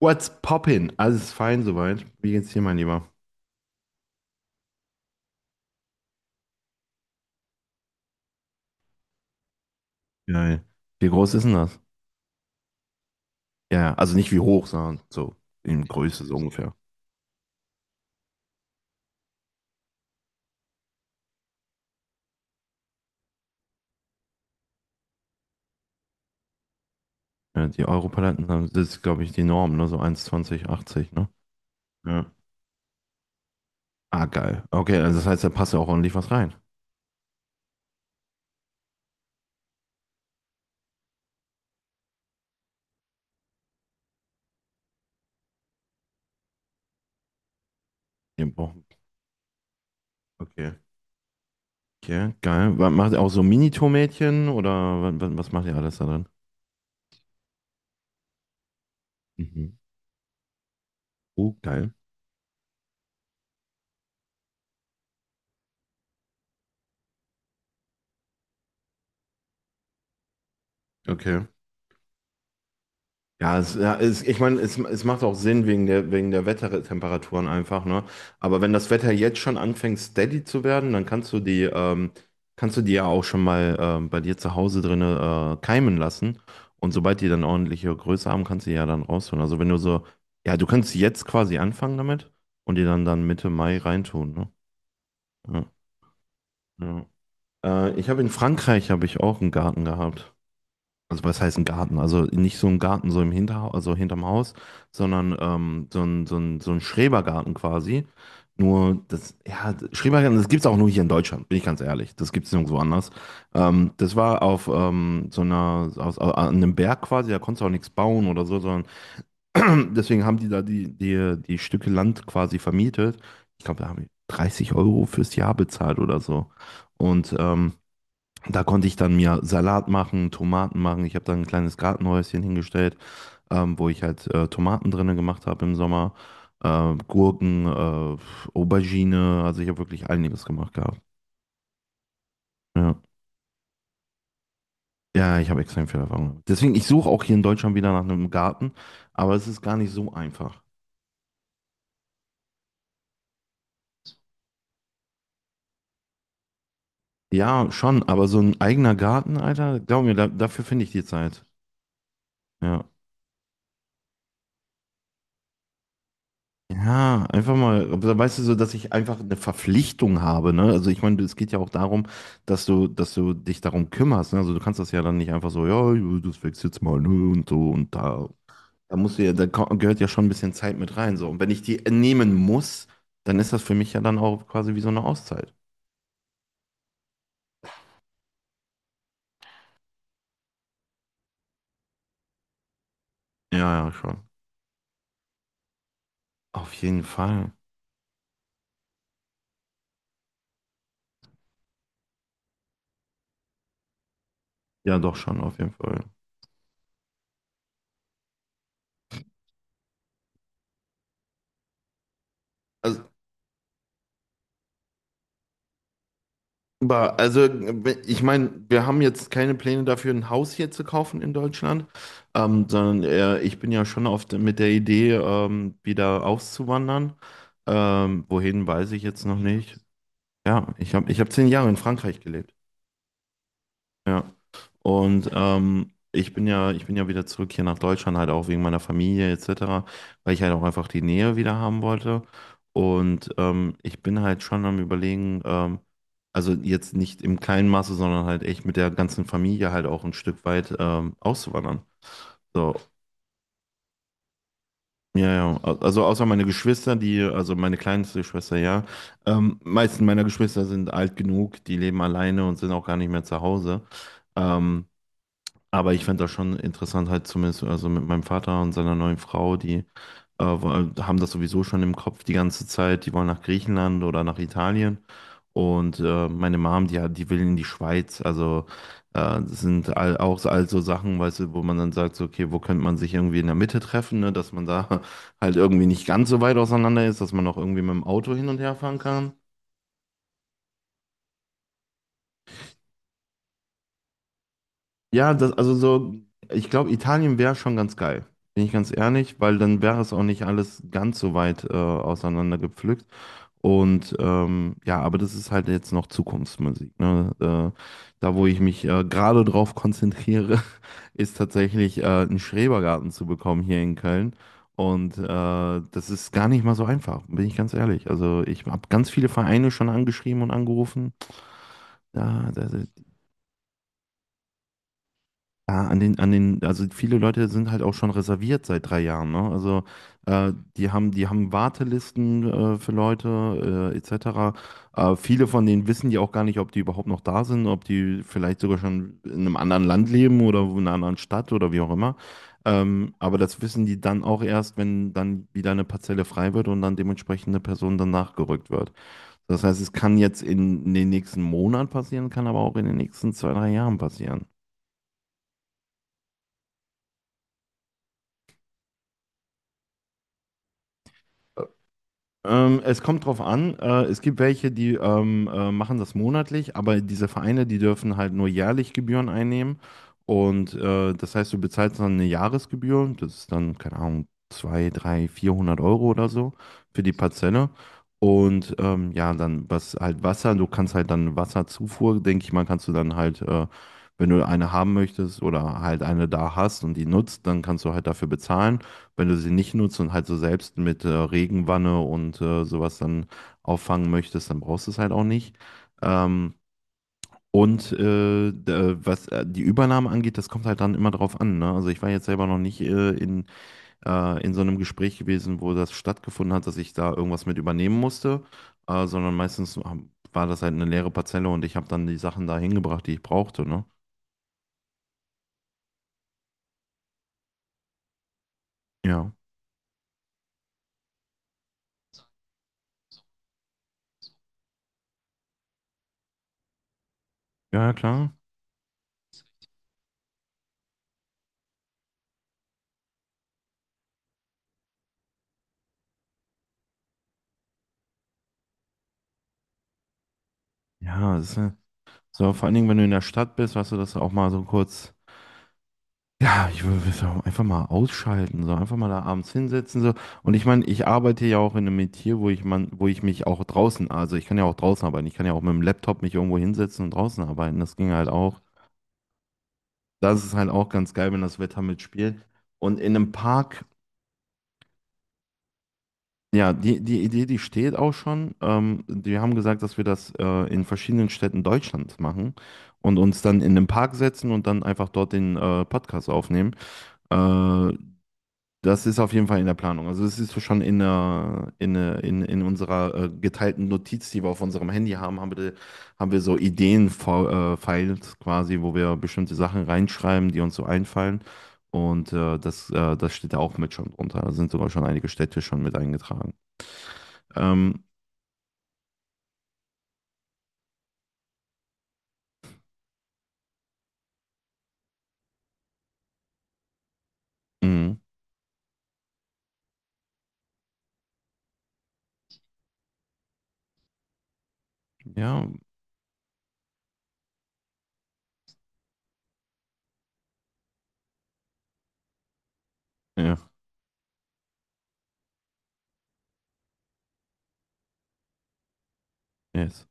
What's poppin? Alles ist fein soweit. Wie geht's dir, mein Lieber? Geil. Wie groß ist denn das? Ja, ja, also nicht wie hoch, sondern so in Größe so ungefähr. Ja, die Europaletten haben, das ist, glaube ich, die Norm, ne? So 1,20, 80, ne? Ja. Ah, geil. Okay, also das heißt, da passt ja auch ordentlich was rein. Ja, boah. Okay. Okay, geil. Was, macht ihr auch so Mini-Tomätchen oder was, was macht ihr alles da drin? Mhm. Oh, geil. Okay. Ja, es, ich meine, es macht auch Sinn wegen der Wettertemperaturen einfach, ne? Aber wenn das Wetter jetzt schon anfängt, steady zu werden, dann kannst du die ja auch schon mal bei dir zu Hause drinne keimen lassen. Und sobald die dann ordentliche Größe haben, kannst du die ja dann rausholen. Also wenn du so, ja, du kannst jetzt quasi anfangen damit und die dann Mitte Mai reintun, ne? Ja, ja. Ich habe In Frankreich habe ich auch einen Garten gehabt. Also was heißt ein Garten? Also nicht so ein Garten so im Hinterhaus, also hinterm Haus, sondern so ein Schrebergarten quasi. Nur das, ja, Schrebergarten, das gibt's auch nur hier in Deutschland, bin ich ganz ehrlich. Das gibt's nirgendwo anders. Das war auf so einer, an einem Berg quasi, da konntest du auch nichts bauen oder so, sondern deswegen haben die da die Stücke Land quasi vermietet. Ich glaube, da haben die 30 € fürs Jahr bezahlt oder so. Und da konnte ich dann mir Salat machen, Tomaten machen. Ich habe dann ein kleines Gartenhäuschen hingestellt, wo ich halt Tomaten drinnen gemacht habe im Sommer, Gurken, Aubergine. Also ich habe wirklich einiges gemacht gehabt. Ja, ja, ich habe extrem viel Erfahrung. Deswegen, ich suche auch hier in Deutschland wieder nach einem Garten, aber es ist gar nicht so einfach. Ja, schon, aber so ein eigener Garten, Alter, glaub mir, dafür finde ich die Zeit. Ja. Ja, einfach mal, aber da weißt du so, dass ich einfach eine Verpflichtung habe, ne? Also ich meine, es geht ja auch darum, dass du dich darum kümmerst, ne? Also du kannst das ja dann nicht einfach so, ja, ja, das wächst jetzt mal, ne? Und so und da. Da musst du ja, gehört ja schon ein bisschen Zeit mit rein, so. Und wenn ich die nehmen muss, dann ist das für mich ja dann auch quasi wie so eine Auszeit. Ja, ja, schon. Auf jeden Fall. Ja, doch schon, auf jeden Fall. Also Aber ich meine, wir haben jetzt keine Pläne dafür, ein Haus hier zu kaufen in Deutschland, sondern ich bin ja schon oft mit der Idee, wieder auszuwandern. Wohin weiß ich jetzt noch nicht. Ja, ich hab 10 Jahre in Frankreich gelebt. Ja. Und ich bin ja wieder zurück hier nach Deutschland, halt auch wegen meiner Familie etc., weil ich halt auch einfach die Nähe wieder haben wollte. Und ich bin halt schon am Überlegen, also jetzt nicht im kleinen Maße, sondern halt echt mit der ganzen Familie halt auch ein Stück weit auszuwandern. So, ja, ja. Also außer meine Geschwister, die, also meine kleinste Schwester, ja. Meisten meiner Geschwister sind alt genug, die leben alleine und sind auch gar nicht mehr zu Hause. Ähm, Aber ich fand das schon interessant, halt zumindest also mit meinem Vater und seiner neuen Frau, die haben das sowieso schon im Kopf die ganze Zeit, die wollen nach Griechenland oder nach Italien. Und meine Mom, die will in die Schweiz. Also das sind all, all so Sachen, weißt du, wo man dann sagt, so, okay, wo könnte man sich irgendwie in der Mitte treffen, ne? Dass man da halt irgendwie nicht ganz so weit auseinander ist, dass man auch irgendwie mit dem Auto hin und her fahren kann. Ja, also so, ich glaube, Italien wäre schon ganz geil. Bin ich ganz ehrlich, weil dann wäre es auch nicht alles ganz so weit auseinander gepflückt. Und ja, aber das ist halt jetzt noch Zukunftsmusik. Ne? Da, wo ich mich gerade drauf konzentriere, ist tatsächlich einen Schrebergarten zu bekommen hier in Köln. Und das ist gar nicht mal so einfach, bin ich ganz ehrlich. Also ich habe ganz viele Vereine schon angeschrieben und angerufen. Ja, ja, also viele Leute sind halt auch schon reserviert seit 3 Jahren, ne? Also die haben Wartelisten für Leute etc. Viele von denen wissen ja auch gar nicht, ob die überhaupt noch da sind, ob die vielleicht sogar schon in einem anderen Land leben oder in einer anderen Stadt oder wie auch immer. Aber das wissen die dann auch erst, wenn dann wieder eine Parzelle frei wird und dann dementsprechend eine Person danach gerückt wird. Das heißt, es kann jetzt in den nächsten Monat passieren, kann aber auch in den nächsten 2, 3 Jahren passieren. Es kommt drauf an. Es gibt welche, die machen das monatlich, aber diese Vereine, die dürfen halt nur jährlich Gebühren einnehmen. Und das heißt, du bezahlst dann eine Jahresgebühr. Das ist dann, keine Ahnung, 2, 3, 400 € oder so für die Parzelle. Und ja, dann was halt Wasser, du kannst halt dann Wasserzufuhr, denke ich mal, kannst du dann halt, wenn du eine haben möchtest oder halt eine da hast und die nutzt, dann kannst du halt dafür bezahlen, wenn du sie nicht nutzt und halt so selbst mit Regenwanne und sowas dann auffangen möchtest, dann brauchst du es halt auch nicht. Ähm, und was die Übernahme angeht, das kommt halt dann immer drauf an, ne? Also ich war jetzt selber noch nicht in so einem Gespräch gewesen, wo das stattgefunden hat, dass ich da irgendwas mit übernehmen musste, sondern meistens war das halt eine leere Parzelle und ich habe dann die Sachen da hingebracht, die ich brauchte, ne? Ja. Ja, klar. Ja, das ist, so vor allen Dingen, wenn du in der Stadt bist, weißt du, dass du auch mal so kurz. Ja, ich würde so einfach mal ausschalten, so einfach mal da abends hinsetzen, so. Und ich meine, ich arbeite ja auch in einem Metier, wo ich mich auch draußen, also ich kann ja auch draußen arbeiten, ich kann ja auch mit dem Laptop mich irgendwo hinsetzen und draußen arbeiten. Das ging halt auch. Das ist halt auch ganz geil, wenn das Wetter mitspielt. Und in einem Park, ja, die Idee, die steht auch schon. Wir haben gesagt, dass wir das in verschiedenen Städten Deutschlands machen und uns dann in einem Park setzen und dann einfach dort den Podcast aufnehmen. Äh, Das ist auf jeden Fall in der Planung. Also das ist so schon in unserer geteilten Notiz, die wir auf unserem Handy haben, haben wir so Ideen-Files quasi, wo wir bestimmte Sachen reinschreiben, die uns so einfallen. Und das steht da auch mit schon drunter. Da sind sogar schon einige Städte schon mit eingetragen. Ähm, mh, ja, ja, yes.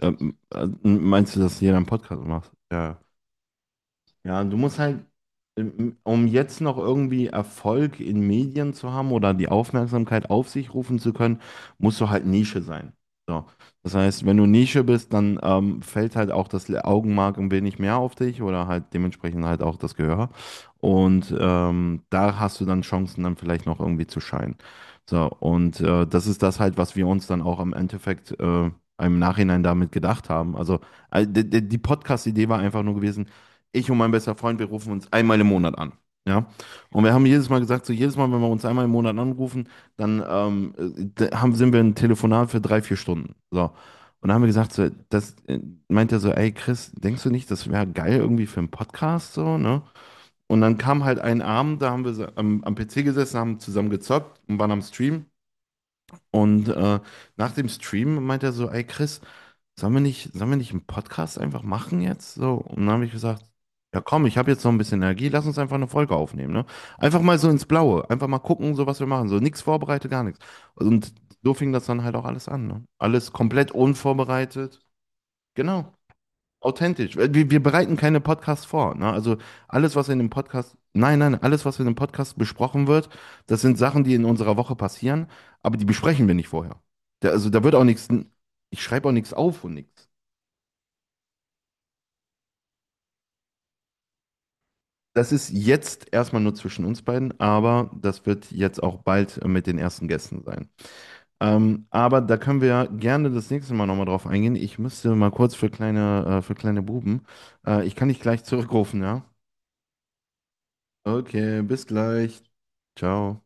Meinst du, dass jeder einen Podcast macht? Ja. Ja, du musst halt, um jetzt noch irgendwie Erfolg in Medien zu haben oder die Aufmerksamkeit auf sich rufen zu können, musst du halt Nische sein. So. Das heißt, wenn du Nische bist, dann fällt halt auch das Augenmerk ein wenig mehr auf dich oder halt dementsprechend halt auch das Gehör. Und da hast du dann Chancen, dann vielleicht noch irgendwie zu scheinen. So, und das ist das halt, was wir uns dann auch im Endeffekt im Nachhinein damit gedacht haben. Also, die Podcast-Idee war einfach nur gewesen, ich und mein bester Freund, wir rufen uns einmal im Monat an. Ja. Und wir haben jedes Mal gesagt, so jedes Mal, wenn wir uns einmal im Monat anrufen, dann sind wir ein Telefonat für 3, 4 Stunden. So. Und dann haben wir gesagt, so, das meint er so, ey Chris, denkst du nicht, das wäre geil irgendwie für einen Podcast so, ne? Und dann kam halt ein Abend, da haben wir so am PC gesessen, haben zusammen gezockt und waren am Stream. Und nach dem Stream meint er so, ey Chris, sollen wir nicht einen Podcast einfach machen jetzt? So, und dann habe ich gesagt, ja komm, ich habe jetzt noch ein bisschen Energie, lass uns einfach eine Folge aufnehmen, ne? Einfach mal so ins Blaue, einfach mal gucken, so was wir machen, so nichts vorbereitet, gar nichts. Und so fing das dann halt auch alles an, ne? Alles komplett unvorbereitet, genau, authentisch. Wir bereiten keine Podcasts vor, ne? Also alles, was in dem Podcast, nein, nein, alles, was in dem Podcast besprochen wird, das sind Sachen, die in unserer Woche passieren, aber die besprechen wir nicht vorher. Da wird auch nichts, ich schreibe auch nichts auf und nichts. Das ist jetzt erstmal nur zwischen uns beiden, aber das wird jetzt auch bald mit den ersten Gästen sein. Aber da können wir gerne das nächste Mal nochmal drauf eingehen. Ich müsste mal kurz für kleine Buben. Ich kann dich gleich zurückrufen, ja? Okay, bis gleich. Ciao.